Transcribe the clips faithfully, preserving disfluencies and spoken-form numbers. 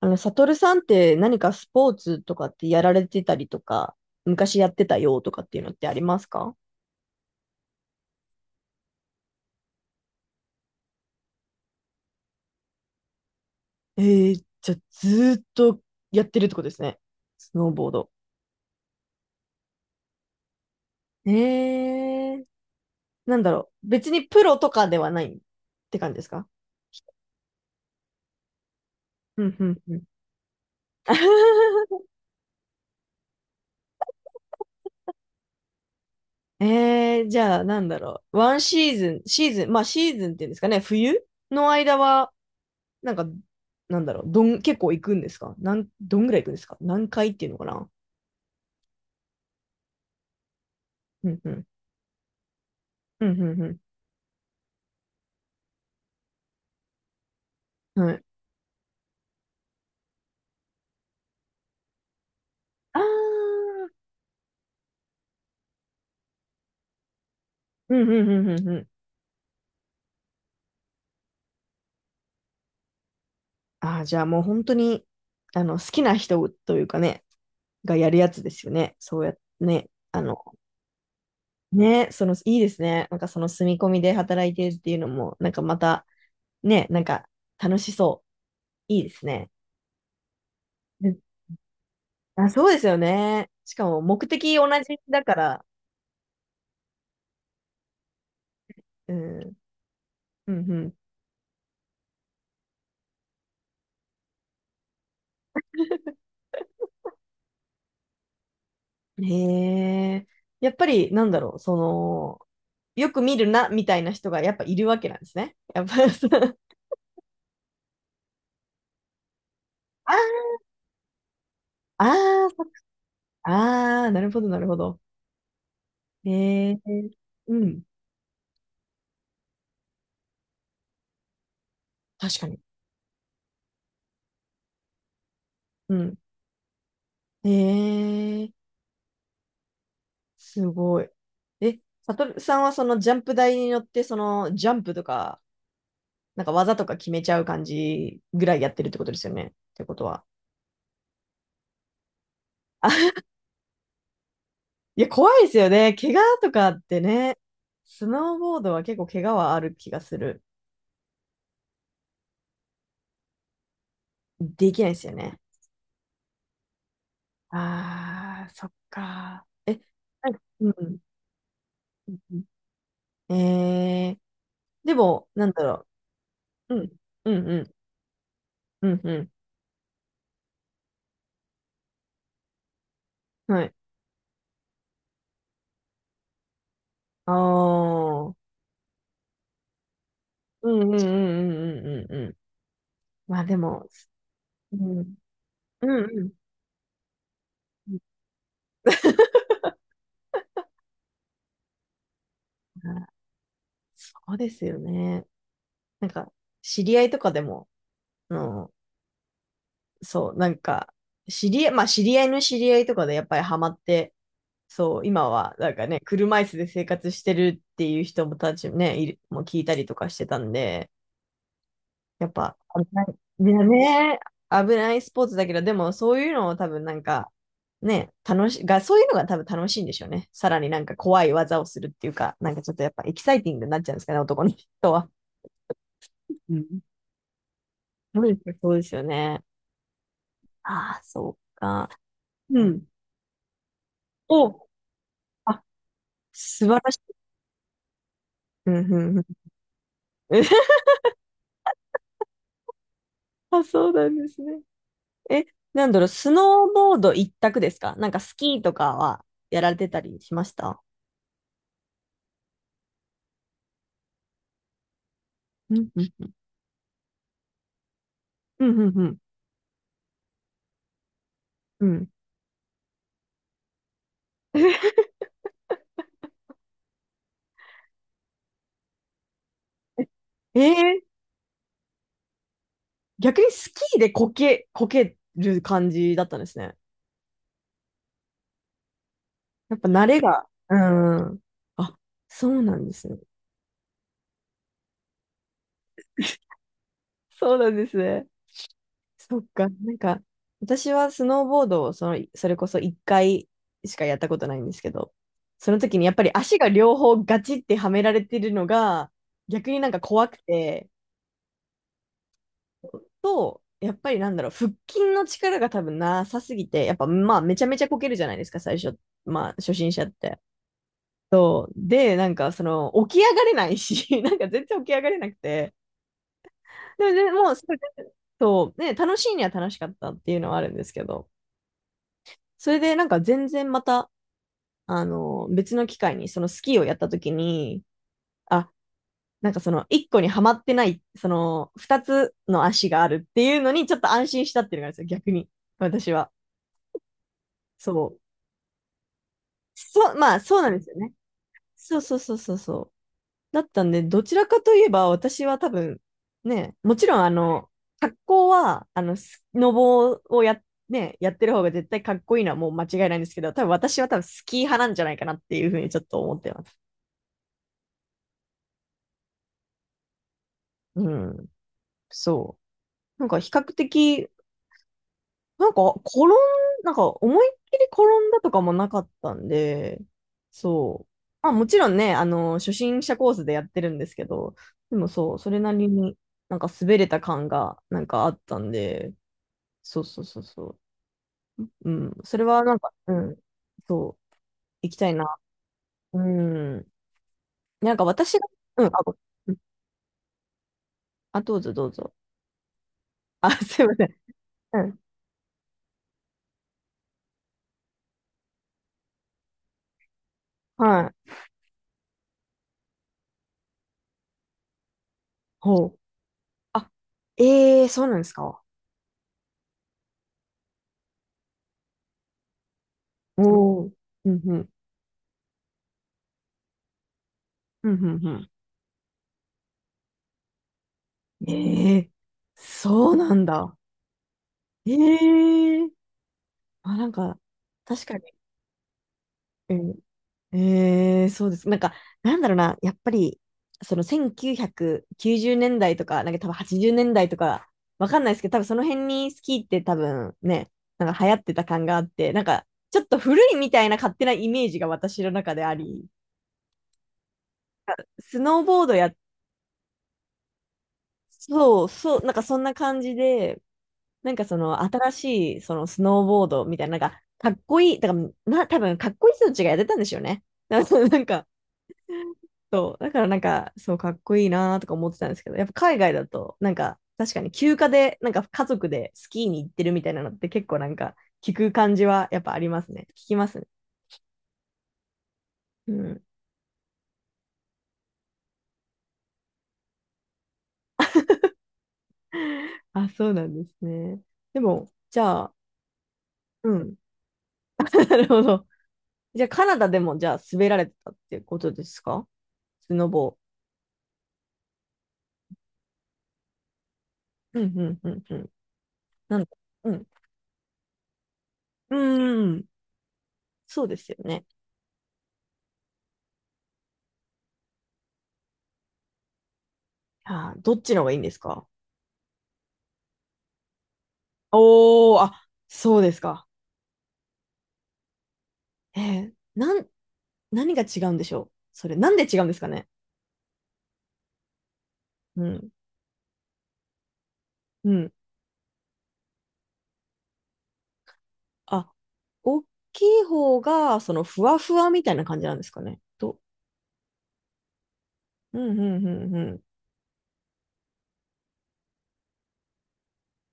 あの、サトルさんって何かスポーツとかってやられてたりとか、昔やってたよとかっていうのってありますか？えー、じゃあずーっとやってるってことですね。スノーボード。えー、なんだろう。別にプロとかではないって感じですか？うんうんうん。えー、じゃあなんだろう。ワンシーズン、シーズン、まあシーズンっていうんですかね、冬の間は、なんか、なんだろう、どん、結構行くんですか？なん、どんぐらい行くんですか？何回っていうのかな？うんうん。うんうんうん。はい。ああ、うんうんうんうんうん。ああ、じゃあもう本当に、あの、好きな人というかね、がやるやつですよね。そうやってね。あの、ね、その、いいですね。なんかその住み込みで働いてるっていうのも、なんかまた、ね、なんか楽しそう。いいですね。うん。あ、そうですよね。しかも目的同じだから、うん、うん、うん。へえ。やっぱり、なんだろう、その、よく見るな、みたいな人がやっぱいるわけなんですね。やっぱ、そう。ああ、あーそっか。あー、なるほど、なるほど。へえ。うん。確かに。うん。へえ。すごい。え、サトルさんはそのジャンプ台に乗って、そのジャンプとか、なんか技とか決めちゃう感じぐらいやってるってことですよね。ってことは。いや、怖いですよね。怪我とかってね。スノーボードは結構怪我はある気がする。できないですよね。ああ、そっか。え、なんかうん。うん。えー、でも、なんだろう。うん、うん、うん、うん、うん。はい。ああ、うん、うん、うん、うん、うん、うん。うん。まあでも、うん、うん、うん。あー、そうですよね。なんか、知り合いとかでも、あの、そう、なんか、知り合い、まあ知り合いの知り合いとかでやっぱりハマって、そう、今はなんかね、車椅子で生活してるっていう人もたちもね、いる、もう聞いたりとかしてたんで、やっぱ危ない、ね、ね、危ないスポーツだけど、でもそういうのを多分なんか、ね、楽し、が、そういうのが多分楽しいんでしょうね。さらになんか怖い技をするっていうか、なんかちょっとやっぱエキサイティングになっちゃうんですかね、男の人は。うん。そうですよ、そうですよね。ああ、そうか。素晴らしい。うんうんうん。 あ、そうなんですね。え、なんだろう、スノーボード一択ですか？なんかスキーとかはやられてたりしました？うんうん。うんうんうん。うん。えー、逆にスキーでこけ、こける感じだったんですね。やっぱ慣れが。うん。あ、そうなんですね。そうなんですね。そっか。なんか、私はスノーボードをその、それこそいっかいしかやったことないんですけど、その時にやっぱり足が両方ガチってはめられてるのが、逆になんか怖くて、と、やっぱりなんだろう、腹筋の力が多分なさすぎて、やっぱまあめちゃめちゃこけるじゃないですか、最初。まあ初心者って。そう。で、なんかその、起き上がれないし、なんか全然起き上がれなくて。でも、でも、そう、そうね、楽しいには楽しかったっていうのはあるんですけど。それでなんか全然また、あの、別の機会にそのスキーをやった時に、あ、なんかその一個にはまってない、その二つの足があるっていうのにちょっと安心したっていうのがあるんですよ、逆に。私は。そう。そう、まあそうなんですよね。そうそうそうそうそう。だったんで、どちらかといえば私は多分、ね、もちろんあの、格好は、あの、スノボをやっ、ね、やってる方が絶対かっこいいのはもう間違いないんですけど、多分私は多分スキー派なんじゃないかなっていうふうにちょっと思ってます。うん、そう。なんか比較的、なんか転ん、なんか思いっきり転んだとかもなかったんで、そう。まあもちろんね、あの、初心者コースでやってるんですけど、でもそう、それなりになんか滑れた感がなんかあったんで、そうそうそうそう。うん、それはなんか、うん、そう、行きたいな。うん。なんか私が、うん、あ、ご、うん、あ、どうぞどうぞ。あ、すいません。うん、はい。ほう。あ、ええー、そうなんですか？おお、うんうん、うんうんうん。ええ、そうなんだ。ええ、あ、なんか、確かに。うん。ええ、そうです。なんか、なんだろうな、やっぱり、そのせんきゅうひゃくきゅうじゅうねんだいとか、なんか多分はちじゅうねんだいとか、わかんないですけど、多分その辺にスキーって多分ね、なんか流行ってた感があって、なんか、ちょっと古いみたいな勝手なイメージが私の中であり、スノーボードや、そう、そう、なんかそんな感じで、なんかその新しいそのスノーボードみたいな、なんかかっこいい、だからな、多分かっこいい人たちがやってたんでしょうね。だからなんか、そう、だからなんか、そうかっこいいなーとか思ってたんですけど、やっぱ海外だと、なんか確かに休暇で、なんか家族でスキーに行ってるみたいなのって結構なんか聞く感じはやっぱありますね。聞きますね。うん。あ、そうなんですね。でも、じゃあ、うん。なるほど。じゃあカナダでもじゃあ滑られてたってことですか？スノボー。うんうんうんうん。なのか、うん。うーん。そうですよね。あー、どっちの方がいいんですか？おー、あ、そうですか。えー、なん、何が違うんでしょうそれ、なんで違うんですかね？うん。うん。あ、大きい方が、その、ふわふわみたいな感じなんですかねと。うん、うん、うん、うん。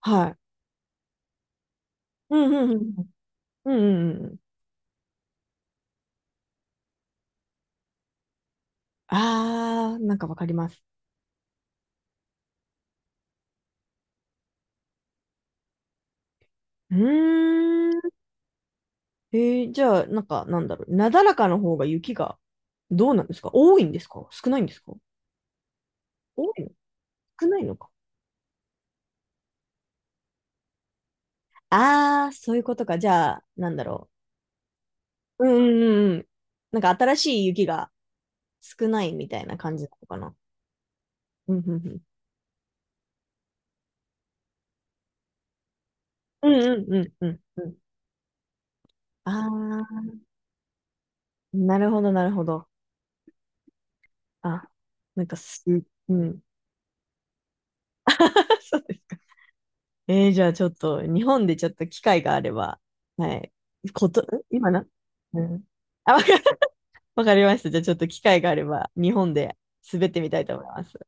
はい。うん、うん、うん。うん、うん、うん。あー、なんかわかります。うーん。えー、じゃあ、なんか、なんだろう。なだらかの方が雪が、どうなんですか、多いんですか少ないんですか？多いの少ないのか。ああ、そういうことか。じゃあ、なんだろう。うんうんうんうん。なんか新しい雪が少ないみたいな感じなのかな。うん、うん、うん。うん。うんうんうんうんうん。ああ、なるほど、なるほど。あ、なんかす、うん。そうですか。えー、じゃあちょっと、日本でちょっと機会があれば、はい。こと、ん、今な、うん。あ、わか、わかりました。じゃあちょっと機会があれば、日本で滑ってみたいと思います。